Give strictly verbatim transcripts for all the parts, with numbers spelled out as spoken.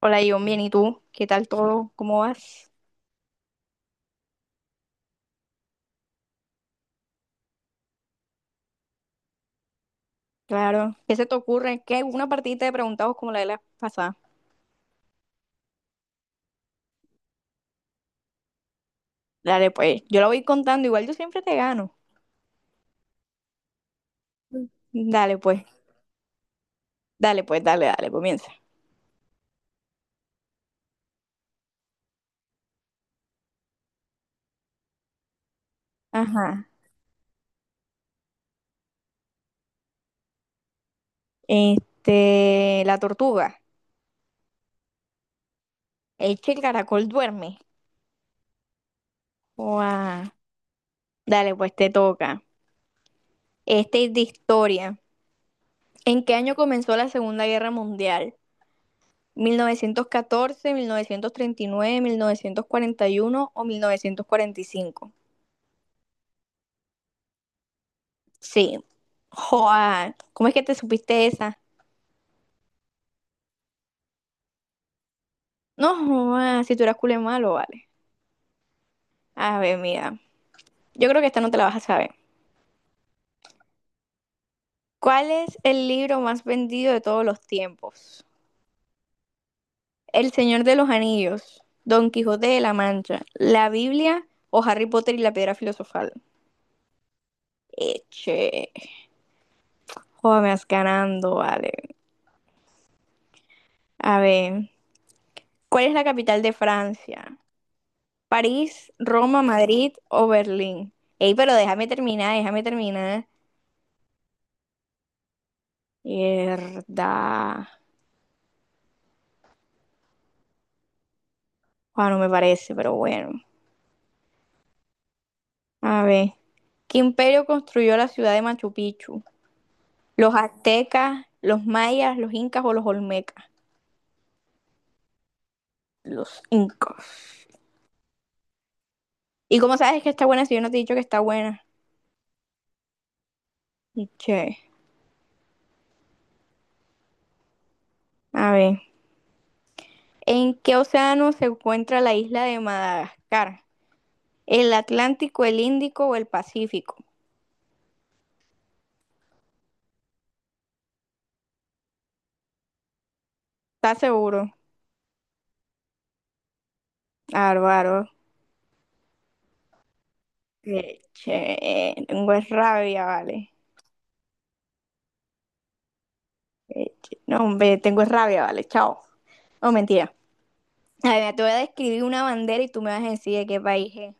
Hola, Ion, bien, ¿y tú? ¿Qué tal todo? ¿Cómo vas? Claro. ¿Qué se te ocurre? ¿Qué? Una partidita de preguntados como la de la pasada. Dale, pues. Yo la voy contando, igual yo siempre te gano. Dale, pues. Dale, pues, dale, dale, comienza. Ajá. Este, la tortuga. Es que el caracol duerme. Guau. Dale, pues te toca. Este es de historia. ¿En qué año comenzó la Segunda Guerra Mundial? Mil mil mil novecientos novecientos novecientos catorce, treinta y nueve, mil novecientos cuarenta y uno o mil novecientos cuarenta y cinco? Sí. Joa, ¿cómo es que te supiste esa? No, joa, si tú eras culé malo, vale. A ver, mira. Yo creo que esta no te la vas a saber. ¿Cuál es el libro más vendido de todos los tiempos? El Señor de los Anillos, Don Quijote de la Mancha, la Biblia o Harry Potter y la Piedra Filosofal. Eche. Joder, me vas ganando, vale. A ver, ¿cuál es la capital de Francia? ¿París, Roma, Madrid o Berlín? Ey, pero déjame terminar, déjame terminar. Mierda. Ah, no me parece, pero bueno. A ver. ¿Qué imperio construyó la ciudad de Machu Picchu? ¿Los aztecas, los mayas, los incas o los olmecas? Los incas. ¿Y cómo sabes que está buena si yo no te he dicho que está buena? Che. A ver. ¿En qué océano se encuentra la isla de Madagascar? ¿El Atlántico, el Índico o el Pacífico? ¿Estás seguro? Álvaro. Eh, Che, tengo es rabia, vale. Eh, No, hombre, tengo rabia, vale, chao. No, mentira. A ver, te voy a describir una bandera y tú me vas a decir de qué país es.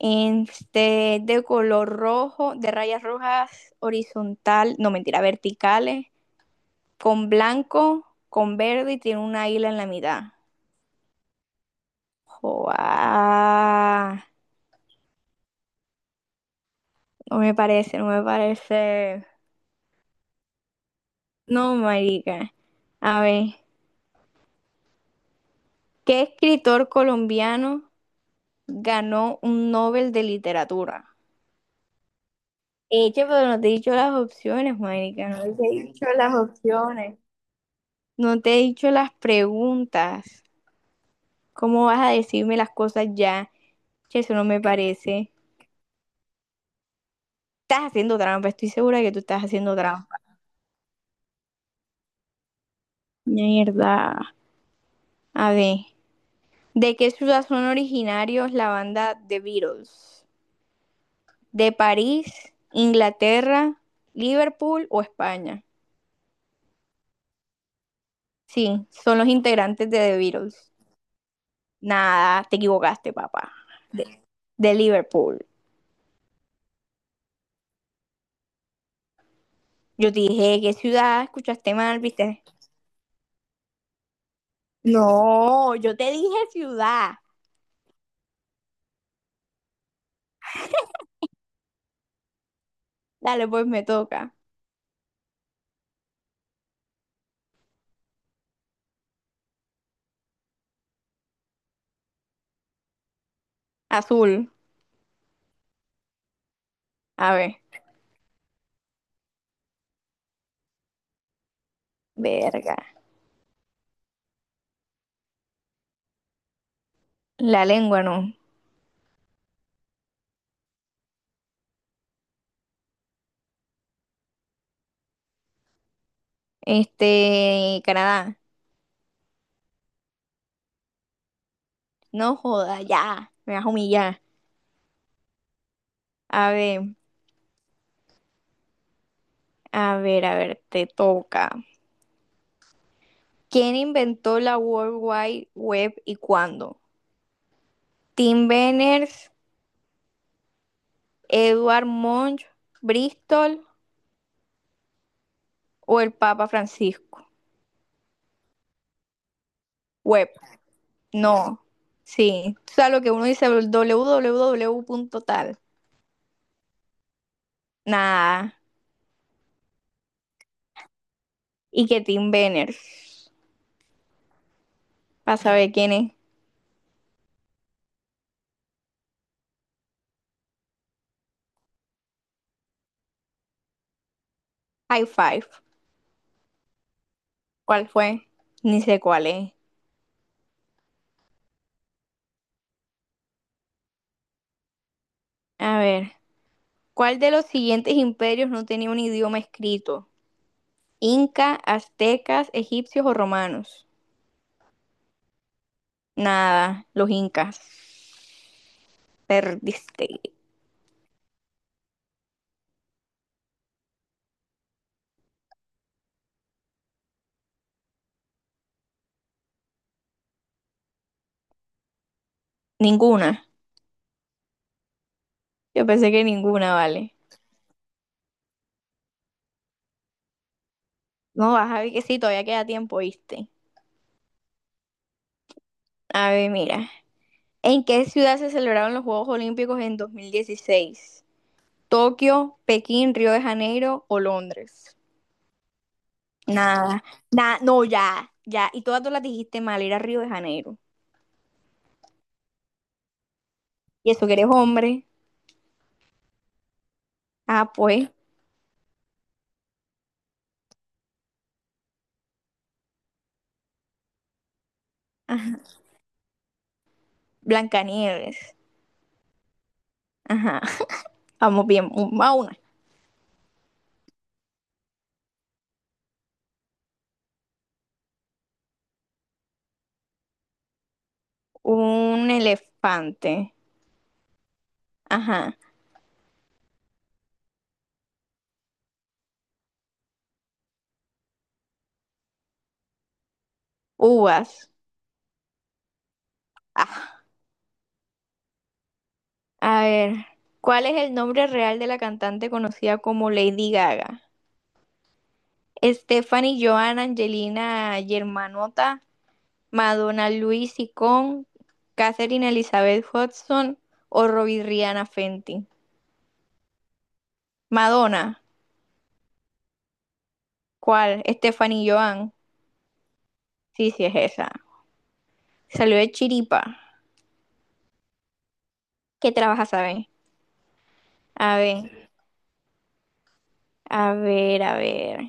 Este, de color rojo, de rayas rojas, horizontal, no, mentira, verticales, con blanco, con verde y tiene una isla en la mitad. Joa, no me parece, no me parece. No, marica. A ver, ¿qué escritor colombiano ganó un Nobel de literatura? Eche, pero no te he dicho las opciones, marica, no te he dicho las opciones, no te he dicho las preguntas. ¿Cómo vas a decirme las cosas ya? Che, eso no me parece. Estás haciendo trampa, estoy segura que tú estás haciendo trampa. Mierda. A ver, ¿de qué ciudad son originarios la banda The Beatles? ¿De París, Inglaterra, Liverpool o España? Sí, son los integrantes de The Beatles. Nada, te equivocaste, papá. De, de Liverpool. Yo te dije, ¿qué ciudad? Escuchaste mal, ¿viste? No, yo te dije ciudad. Dale, pues me toca. Azul. A ver. Verga. La lengua no. Este, Canadá. No joda, ya. Me vas a humillar. A ver, a ver, a ver, te toca. ¿Quién inventó la World Wide Web y cuándo? Tim Berners, Edward Munch, Bristol o el Papa Francisco. Web, no. Sí, o sea, lo que uno dice, doble u doble u doble u punto tal nada. Y que Tim Benners, para saber quién es. High five, ¿cuál fue? Ni sé cuál es. A ver, ¿cuál de los siguientes imperios no tenía un idioma escrito? Inca, aztecas, egipcios o romanos. Nada, los incas. Perdiste. Ninguna. Yo pensé que ninguna, vale. No, vas a ver que sí, todavía queda tiempo, viste. A ver, mira. ¿En qué ciudad se celebraron los Juegos Olímpicos en dos mil dieciséis? ¿Tokio, Pekín, Río de Janeiro o Londres? Nada, nada, no, ya, ya. Y todas tú las dijiste mal, era Río de Janeiro. ¿Y eso que eres hombre? Ah, pues. Ajá. Blancanieves. Ajá. Vamos bien. un- Va una. Un elefante. Ajá. Uvas. Ah. A ver. ¿Cuál es el nombre real de la cantante conocida como Lady Gaga? Stephanie, Joan, Angelina, Germanota, Madonna, Luis Sicón, Catherine Elizabeth Hudson o Robbie Rihanna Fenty. Madonna, ¿cuál? Stephanie Joan. Sí, sí es esa. Salió de Chiripa. ¿Qué trabaja, saben? A ver, a ver, a ver.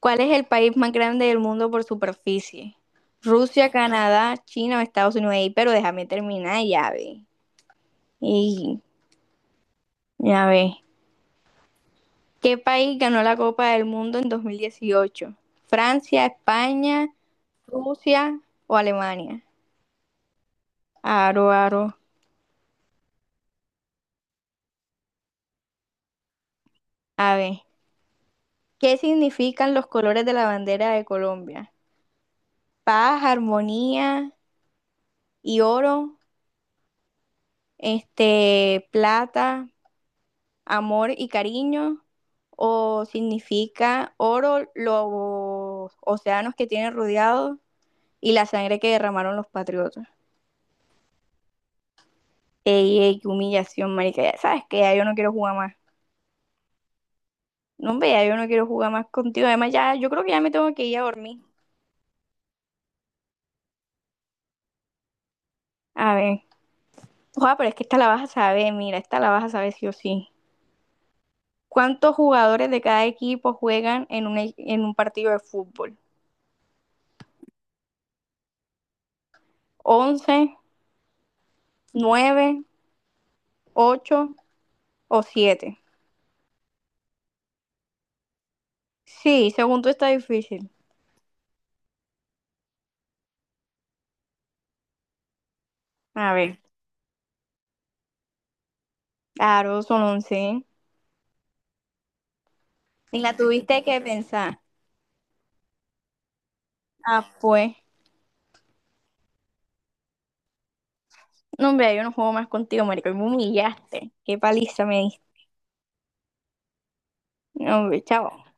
¿Cuál es el país más grande del mundo por superficie? Rusia, Canadá, China o Estados Unidos. Ey, pero déjame terminar, ya ve. Y ya ve. ¿Qué país ganó la Copa del Mundo en dos mil dieciocho? ¿Francia, España, Rusia o Alemania? Aro, aro. A ver, ¿qué significan los colores de la bandera de Colombia? Paz, armonía y oro, este, plata, amor y cariño, o significa oro, los océanos que tienen rodeados y la sangre que derramaron los patriotas. Ey, ey, qué humillación, marica. Ya sabes que ya yo no quiero jugar más. No, hombre, ya yo no quiero jugar más contigo. Además, ya, yo creo que ya me tengo que ir a dormir. A ver. Ojalá, pero es que esta la vas a saber, mira, esta la vas a saber sí o sí. ¿Cuántos jugadores de cada equipo juegan en un, e- en un partido de fútbol? Once, nueve, ocho o siete. Sí, según tú está difícil. A ver, claro, son once. Ni la tuviste que pensar. Ah, pues. No, hombre, yo no juego más contigo, marico. Y me humillaste. Qué paliza me diste. No, hombre, chao.